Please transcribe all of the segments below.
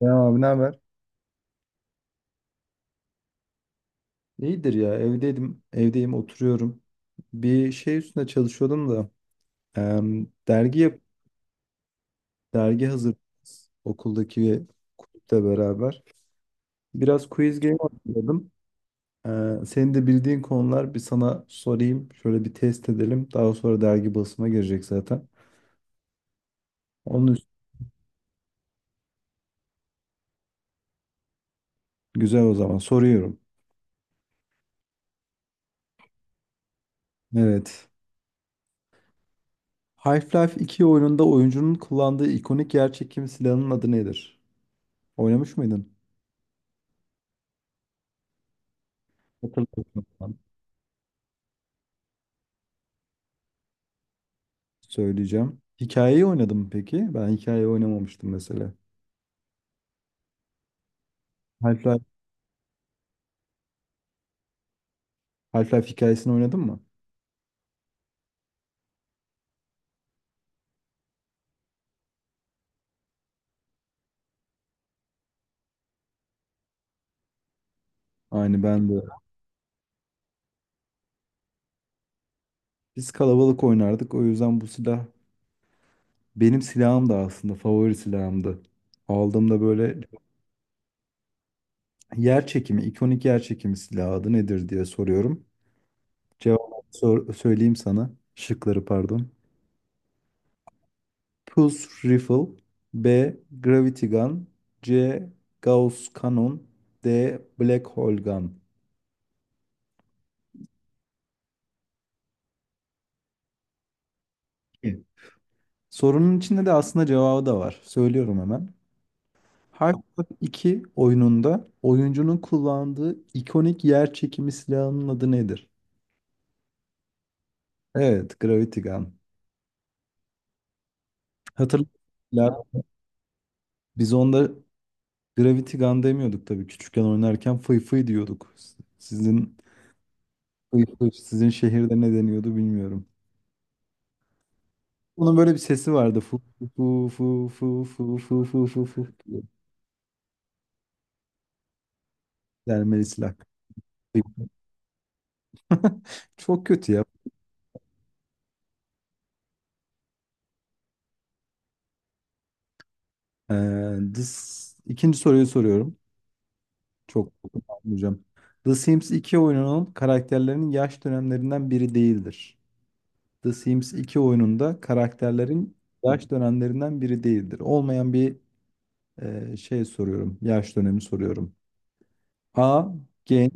Ya abi ne haber? İyidir ya evdeyim oturuyorum. Bir şey üstüne çalışıyordum da em, dergi yap dergi hazır, okuldaki kulüple beraber. Biraz quiz game oynuyordum. Senin de bildiğin konular, bir sana sorayım. Şöyle bir test edelim. Daha sonra dergi basıma girecek zaten. Onun üst- Güzel, o zaman soruyorum. Evet. Half-Life 2 oyununda oyuncunun kullandığı ikonik yerçekim silahının adı nedir? Oynamış mıydın? Hatırlıyorum. Söyleyeceğim. Hikayeyi oynadın mı peki? Ben hikayeyi oynamamıştım mesela. Half-Life, Half-Life hikayesini oynadın mı? Aynı ben de. Biz kalabalık oynardık. O yüzden bu silah, benim silahım da, aslında favori silahımdı. Aldığımda böyle ikonik yer çekimi silahı adı nedir diye soruyorum. Söyleyeyim sana. Şıkları, pardon. Pulse Rifle, B. Gravity Gun, C. Gauss Cannon, D. Black Hole Gun. Sorunun içinde de aslında cevabı da var. Söylüyorum hemen. Half-Life 2 oyununda oyuncunun kullandığı ikonik yer çekimi silahının adı nedir? Evet, Gravity Gun. Hatırlayın. Biz onda Gravity Gun demiyorduk tabii. Küçükken oynarken fıy fıy diyorduk. Sizin sizin şehirde ne deniyordu bilmiyorum. Bunun böyle bir sesi vardı. Fu fu fu fu fu fu fu fu fu diye. Dermeli silah. Çok kötü ya. Ee, dis- ikinci soruyu soruyorum. Çok, hocam. The Sims 2 oyununun karakterlerinin yaş dönemlerinden biri değildir. The Sims 2 oyununda karakterlerin yaş dönemlerinden biri değildir. Olmayan bir şey soruyorum. Yaş dönemi soruyorum. A. Genç,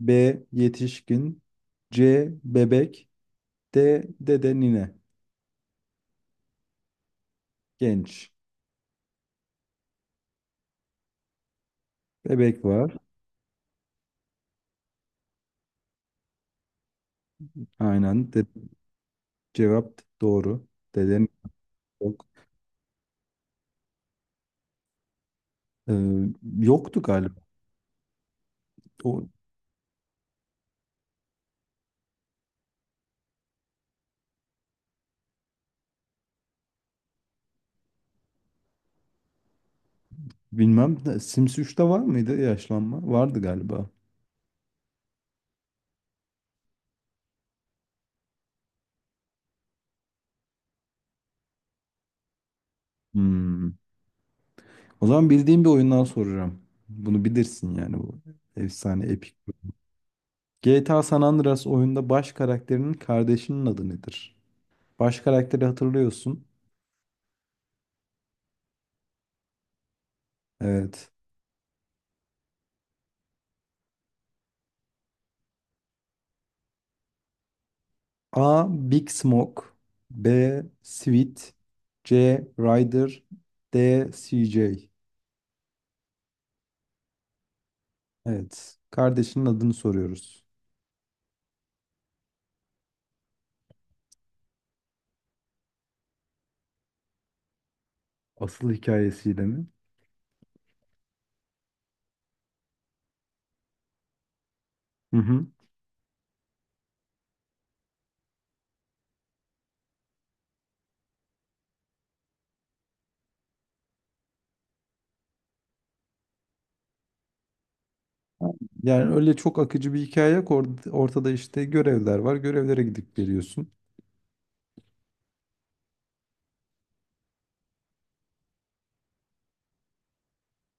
B. Yetişkin, C. Bebek, D. Dede nine. Genç. Bebek var. Aynen. Cevap doğru. Deden yok. Ee, Yoktu galiba. O Bilmem de Sims 3'te var mıydı yaşlanma? Vardı galiba. Hmm. O zaman bildiğim bir oyundan soracağım. Bunu bilirsin, yani bu efsane, epik. GTA San Andreas oyunda baş karakterinin kardeşinin adı nedir? Baş karakteri hatırlıyorsun. Evet. A. Big Smoke, B. Sweet, C. Ryder, D. CJ. Evet. Kardeşinin adını soruyoruz. Asıl hikayesiyle mi? Hı hı. Yani öyle çok akıcı bir hikaye yok. Ortada işte görevler var. Görevlere gidip geliyorsun.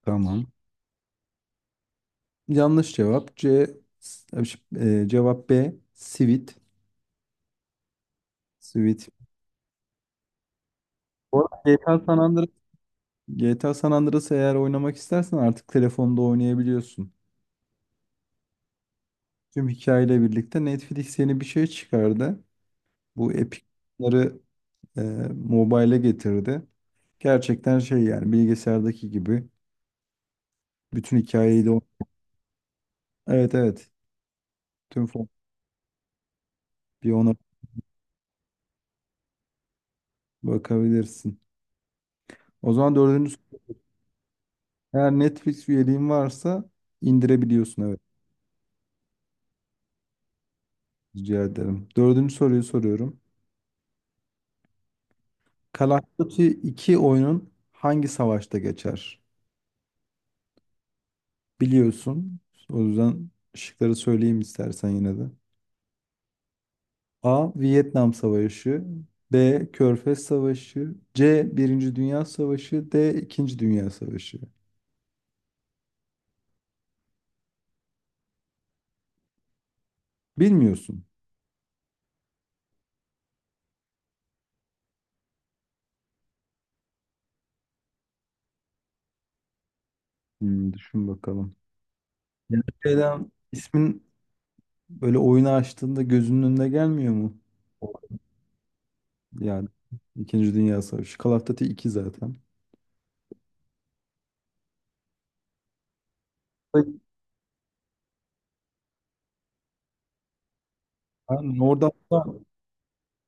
Tamam. Yanlış cevap C. Cevap B. Sivit. Sivit. Bu arada GTA San Andreas'ı, eğer oynamak istersen, artık telefonda oynayabiliyorsun. Tüm hikayeyle birlikte Netflix yeni bir şey çıkardı. Bu Epic Game'ları e, mobile'e getirdi. Gerçekten şey, yani bilgisayardaki gibi bütün hikayeyi de... Evet, evet. Tüm fon- bir ona Bakabilirsin. O zaman dördüncü soru. Eğer Netflix üyeliğin varsa indirebiliyorsun, evet. Rica ederim. Dördüncü soruyu soruyorum. Call of Duty 2 oyunun hangi savaşta geçer? Biliyorsun. O yüzden şıkları söyleyeyim istersen yine de. A. Vietnam Savaşı, B. Körfez Savaşı, C. Birinci Dünya Savaşı, D. İkinci Dünya Savaşı. Bilmiyorsun. Hmm, düşün bakalım. Yani şeyden, ismin Böyle oyunu açtığında gözünün önüne gelmiyor mu? Yani İkinci Dünya Savaşı. Call of Duty 2 zaten. Aynen, orada hatta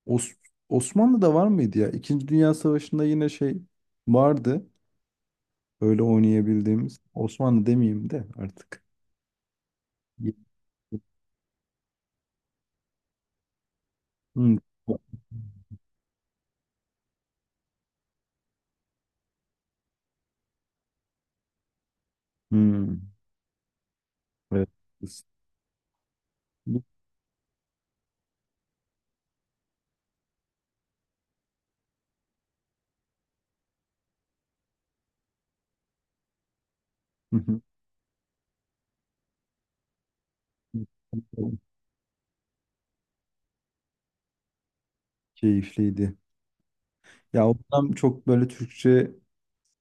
Os- Osmanlı'da var mıydı ya? İkinci Dünya Savaşı'nda yine şey vardı. Öyle oynayabildiğimiz. Osmanlı demeyeyim de artık. Hmm. Hmm. Evet. Hı hı. Keyifliydi. Ya o dönem çok böyle Türkçe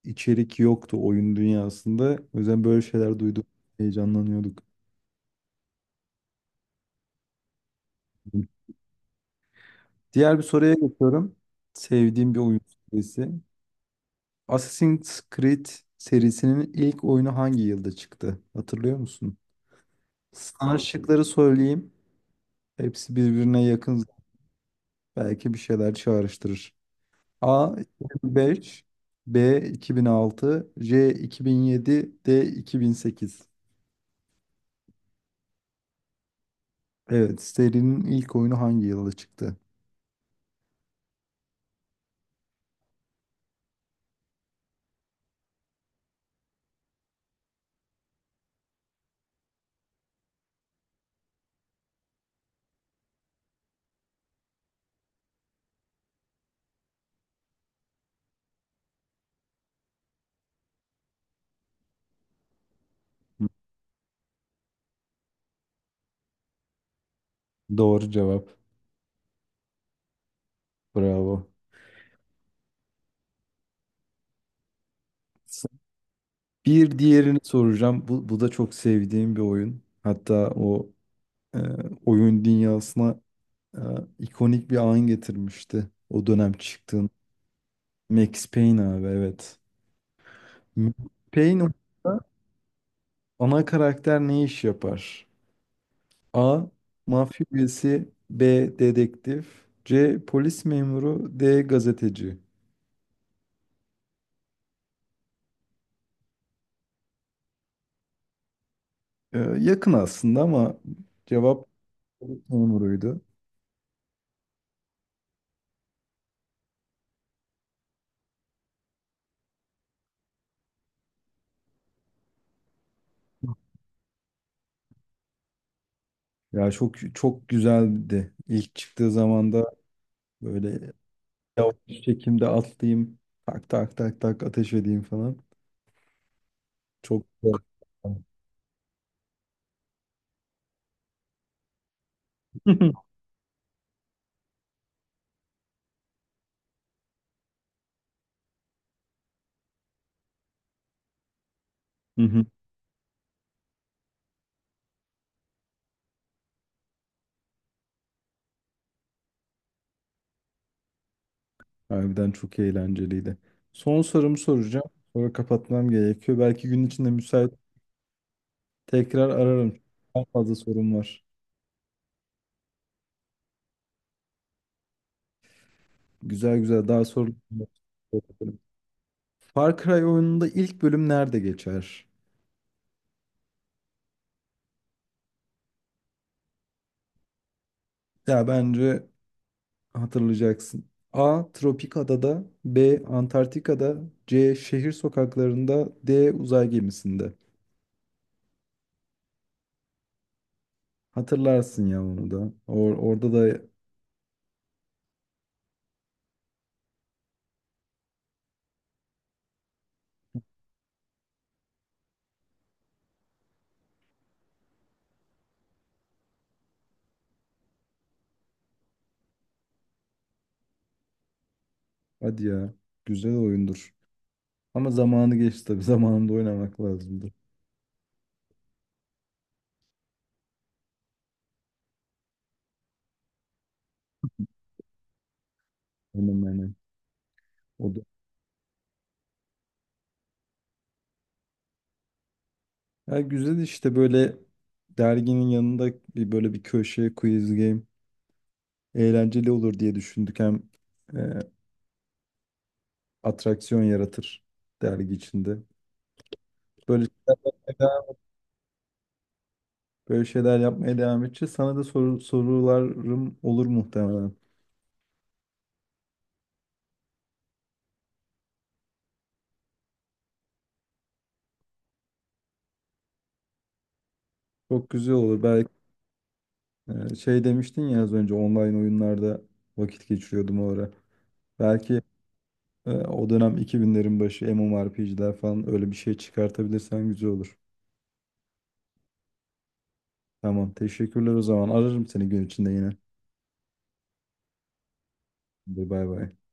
içerik yoktu oyun dünyasında. O yüzden böyle şeyler duyduk. Heyecanlanıyorduk. Diğer bir soruya geçiyorum. Sevdiğim bir oyun serisi. Assassin's Creed serisinin ilk oyunu hangi yılda çıktı? Hatırlıyor musun? Sana şıkları söyleyeyim. Hepsi birbirine yakın. Belki bir şeyler çağrıştırır. A. 2005, B. 2006, C. 2007, D. 2008. Evet, serinin ilk oyunu hangi yılda çıktı? Doğru cevap. Bravo. Bir diğerini soracağım. Bu da çok sevdiğim bir oyun. Hatta o, e, oyun dünyasına e, ikonik bir an getirmişti. O dönem çıktığın. Max Payne, abi, evet. Max Payne oyununda ana karakter ne iş yapar? A. Mafya üyesi, B. Dedektif, C. Polis memuru, D. Gazeteci. Yakın aslında ama cevap polis memuruydu. Ya çok çok güzeldi. İlk çıktığı zaman da böyle, yavaş çekimde atlayayım. Tak tak tak tak ateş edeyim falan. Çok güzel. Hı hı. Harbiden çok eğlenceliydi. Son sorumu soracağım. Sonra kapatmam gerekiyor. Belki gün içinde müsait tekrar ararım. Çok fazla sorum var. Güzel güzel, daha soru. Far Cry oyununda ilk bölüm nerede geçer? Ya bence hatırlayacaksın. A. Tropik Adada, B. Antarktika'da, C. Şehir sokaklarında, D. Uzay gemisinde. Hatırlarsın ya onu da. Orada da, hadi ya, güzel oyundur. Ama zamanı geçti tabii. Zamanında oynamak lazımdı. Hemen hemen. O da. Ya güzel işte, böyle derginin yanında bir böyle bir köşe quiz game eğlenceli olur diye düşündük. Hem e, atraksiyon yaratır dergi içinde. Böyle şeyler yapmaya devam, Böyle şeyler yapmaya devam edeceğiz. Sana da sorularım olur muhtemelen. Çok güzel olur. Belki. Şey demiştin ya az önce, online oyunlarda vakit geçiriyordum o ara. Belki o dönem 2000'lerin başı MMORPG'ler falan, öyle bir şey çıkartabilirsen güzel olur. Tamam, teşekkürler o zaman. Ararım seni gün içinde yine. Hadi, bay bay.